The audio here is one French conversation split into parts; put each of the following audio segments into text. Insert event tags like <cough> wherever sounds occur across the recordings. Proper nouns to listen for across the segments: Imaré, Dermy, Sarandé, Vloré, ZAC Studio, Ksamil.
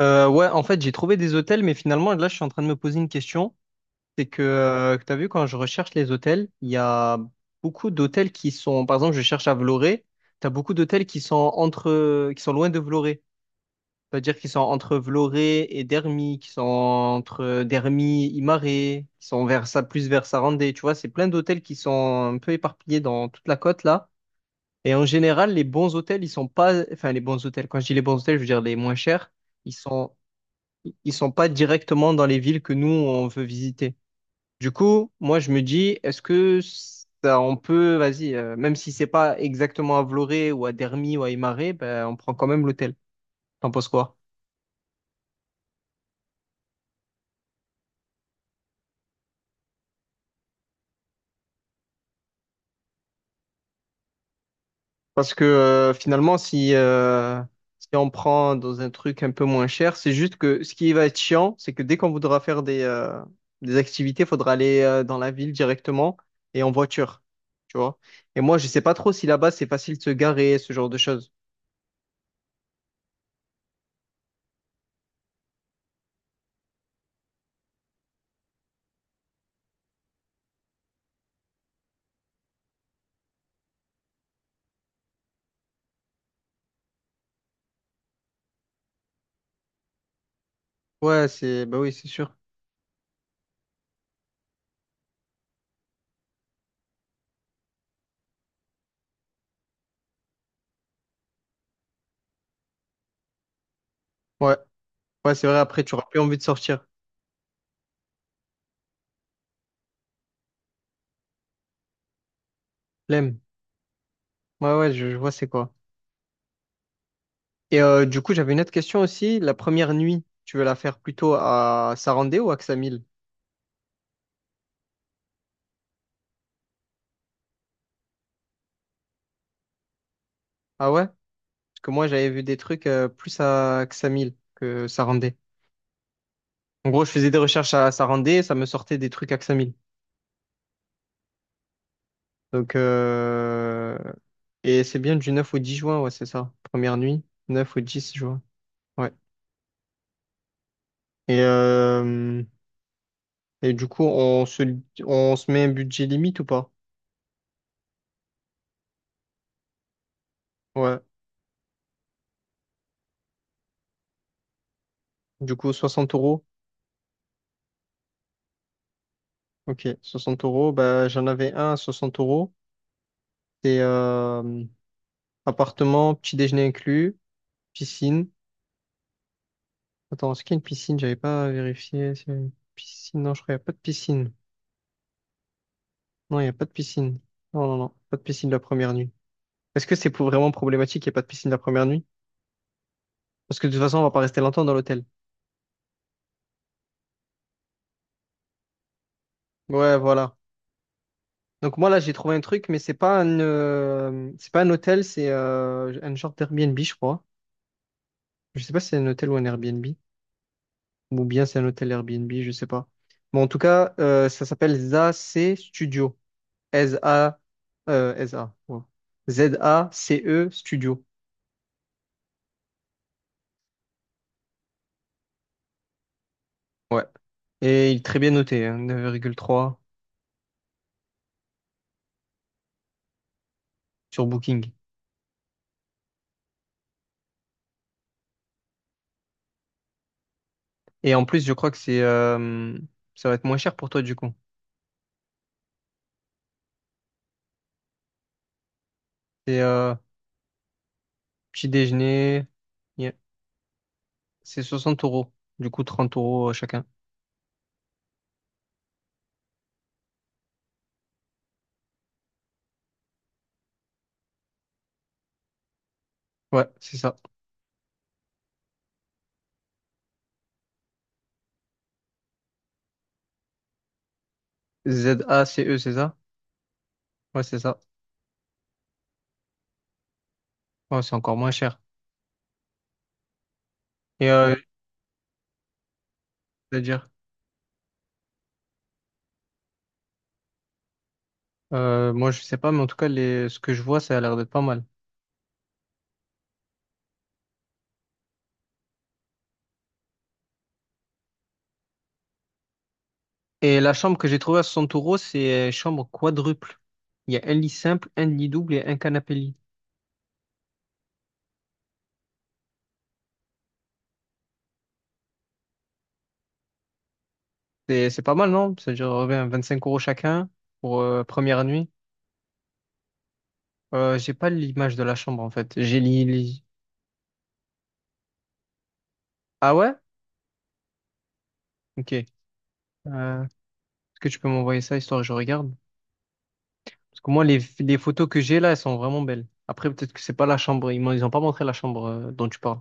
Ouais, en fait, j'ai trouvé des hôtels, mais finalement, là, je suis en train de me poser une question. C'est que, tu as vu, quand je recherche les hôtels, il y a beaucoup d'hôtels qui sont, par exemple, je cherche à Vloré, tu as beaucoup d'hôtels qui sont loin de Vloré. C'est-à-dire qu'ils sont entre Vloré et Dermy, qui sont entre Dermy, Imaré, qui sont vers ça, plus vers Sarandé. Tu vois, c'est plein d'hôtels qui sont un peu éparpillés dans toute la côte, là. Et en général, les bons hôtels, ils sont pas, enfin, les bons hôtels, quand je dis les bons hôtels, je veux dire les moins chers. Ils sont ils sont pas directement dans les villes que nous on veut visiter. Du coup, moi je me dis, est-ce que ça, on peut, vas-y, même si c'est pas exactement à Vloré ou à Dermy ou à Imare, ben, on prend quand même l'hôtel. T'en penses quoi? Parce que finalement, si on prend dans un truc un peu moins cher, c'est juste que ce qui va être chiant, c'est que dès qu'on voudra faire des activités, il faudra aller dans la ville directement et en voiture. Tu vois? Et moi, je sais pas trop si là-bas c'est facile de se garer, ce genre de choses. Ouais, c'est, bah oui, c'est sûr. Ouais, ouais, c'est vrai. Après, tu auras plus envie de sortir. Flemme. Ouais, ouais, je vois c'est quoi. Et du coup, j'avais une autre question aussi. La première nuit, tu veux la faire plutôt à Sarandé ou à Ksamil? Ah ouais? Parce que moi, j'avais vu des trucs plus à Ksamil que Sarandé. En gros, je faisais des recherches à Sarandé, et ça me sortait des trucs à Ksamil. Donc, euh... et c'est bien du 9 au 10 juin, ouais, c'est ça. Première nuit, 9 au 10 juin. Ouais. Et euh... Et du coup, on se met un budget limite ou pas? Ouais. Du coup, 60 euros. Ok, soixante euros. Bah, j'en avais un à 60 euros. C'est, appartement, petit déjeuner inclus, piscine. Attends, est-ce qu'il y a une piscine? J'avais pas vérifié. S'il y a une piscine. Non, je crois qu'il n'y a pas de piscine. Non, il n'y a pas de piscine. Non, non, non. Pas de piscine la première nuit. Est-ce que vraiment problématique qu'il n'y ait pas de piscine la première nuit? Parce que de toute façon, on va pas rester longtemps dans l'hôtel. Ouais, voilà. Donc moi là j'ai trouvé un truc, mais c'est pas un hôtel, c'est un genre d'Airbnb, je crois. Je sais pas si c'est un hôtel ou un Airbnb, ou bien c'est un hôtel Airbnb, je sais pas. Bon en tout cas, ça s'appelle ZAC Studio. S-A S-A. Ouais. ZACE Studio. Ouais. Et il est très bien noté, hein, 9,3 sur Booking. Et en plus, je crois que c'est ça va être moins cher pour toi du coup. C'est, petit déjeuner, il y c'est 60 euros. Du coup, 30 € chacun. Ouais, c'est ça. ZACE, c'est ça? Ouais, c'est ça. Ouais, c'est encore moins cher. Ouais. C'est-à-dire, moi, je sais pas, mais en tout cas, ce que je vois, ça a l'air d'être pas mal. Et la chambre que j'ai trouvée à 60 euros, c'est, chambre quadruple. Il y a un lit simple, un lit double et un canapé lit. C'est pas mal, non? C'est-à-dire, 5 € chacun pour première nuit. J'ai pas l'image de la chambre, en fait. J'ai l'île. Ah ouais? Ok. Euh, Est-ce que tu peux m'envoyer ça, histoire que je regarde? Parce que moi, les photos que j'ai là, elles sont vraiment belles. Après, peut-être que c'est pas la chambre. Ils ont pas montré la chambre dont tu parles.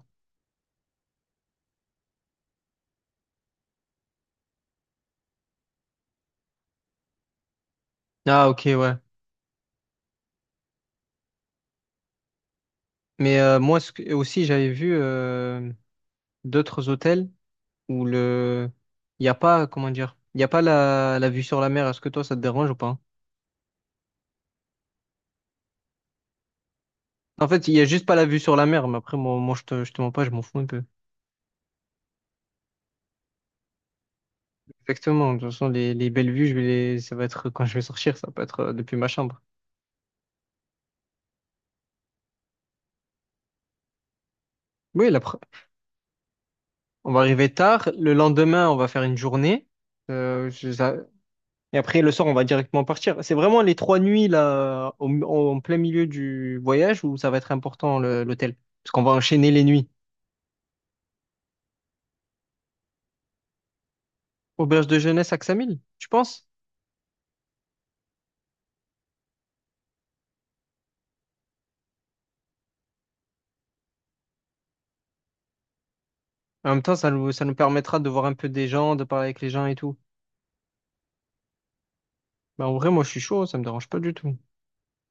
Ah, ok, ouais. Mais moi ce que- aussi, j'avais vu d'autres hôtels où le il n'y a pas, comment dire, il n'y a pas la vue sur la mer. Est-ce que toi, ça te dérange ou pas? En fait, il n'y a juste pas la vue sur la mer, mais après, moi je te mens pas, je m'en fous un peu. Exactement. De toute façon, les belles vues, ça va être quand je vais sortir, ça peut être depuis ma chambre. Oui, on va arriver tard. Le lendemain, on va faire une journée. Euh, je- ça- Et après, le soir, on va directement partir. C'est vraiment les trois nuits là, en plein milieu du voyage où ça va être important l'hôtel. Parce qu'on va enchaîner les nuits. Auberge de jeunesse à Xamil, tu penses? En même temps, ça nous permettra de voir un peu des gens, de parler avec les gens et tout. Bah, en vrai, moi, je suis chaud, ça me dérange pas du tout.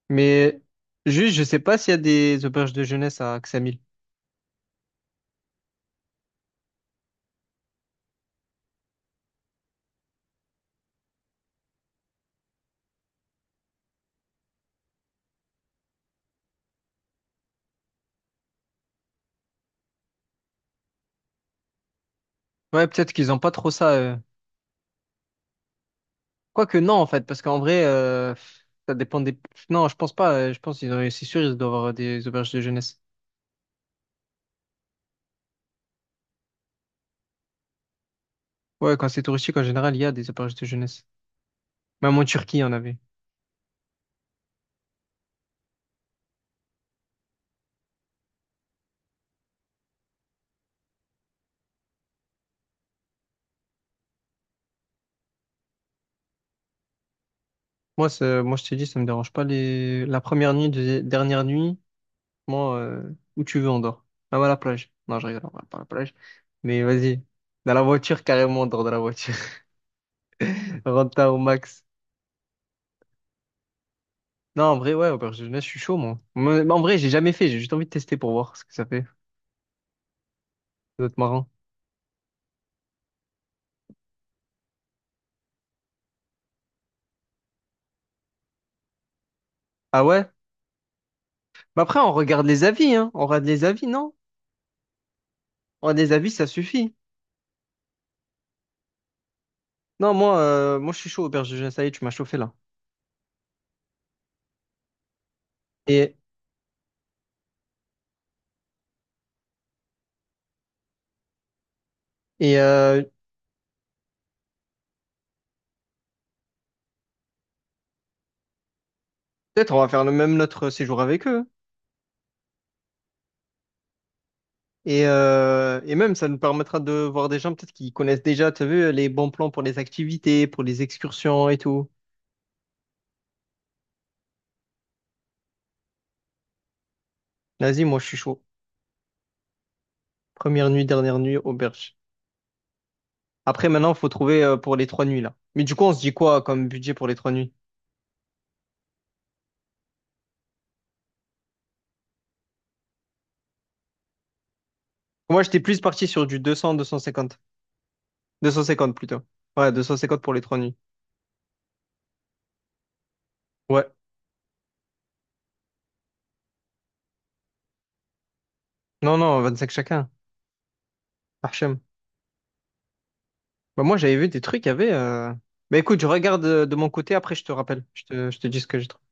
Mais juste, je sais pas s'il y a des auberges de jeunesse à Xamil. Ouais, peut-être qu'ils ont pas trop ça. Quoique, non, en fait, parce qu'en vrai, ça dépend des. Non, je pense pas. Je pense qu'ils ont, c'est sûr, ils doivent avoir des auberges de jeunesse. Ouais, quand c'est touristique, en général, il y a des auberges de jeunesse. Même en Turquie, il y en avait. Moi, moi je t'ai dit, ça me dérange pas. La première nuit, dernière nuit, moi, où tu veux, on dort. Même à la plage. Non, je rigole, on va pas à la plage. Mais vas-y, dans la voiture, carrément, on dort dans la voiture. <laughs> Renta au max. Non, en vrai, ouais, auberge de jeunesse, je suis chaud, moi. Mais en vrai, j'ai jamais fait. J'ai juste envie de tester pour voir ce que ça fait. Ça doit être marrant. Ah ouais? Mais après, on regarde les avis, hein. On regarde les avis, non? On regarde les avis, ça suffit. Non, moi, je suis chaud, auberge de jeunesse. Ça y est, tu m'as chauffé, là. Et Et euh, peut-être on va faire le même notre séjour avec eux. Et même, ça nous permettra de voir des gens peut-être qui connaissent déjà, tu as vu, les bons plans pour les activités, pour les excursions et tout. Vas-y, moi je suis chaud. Première nuit, dernière nuit, auberge. Après, maintenant, faut trouver pour les trois nuits là. Mais du coup, on se dit quoi comme budget pour les trois nuits? Moi, j'étais plus parti sur du 200, deux cent cinquante plutôt. Ouais, 250 pour les trois nuits. Ouais. Non, non, 25 chacun. Hachem. Bah, moi, j'avais vu des trucs, il y avait. Bah écoute, je regarde de mon côté, après je te rappelle. Je te dis ce que j'ai trouvé.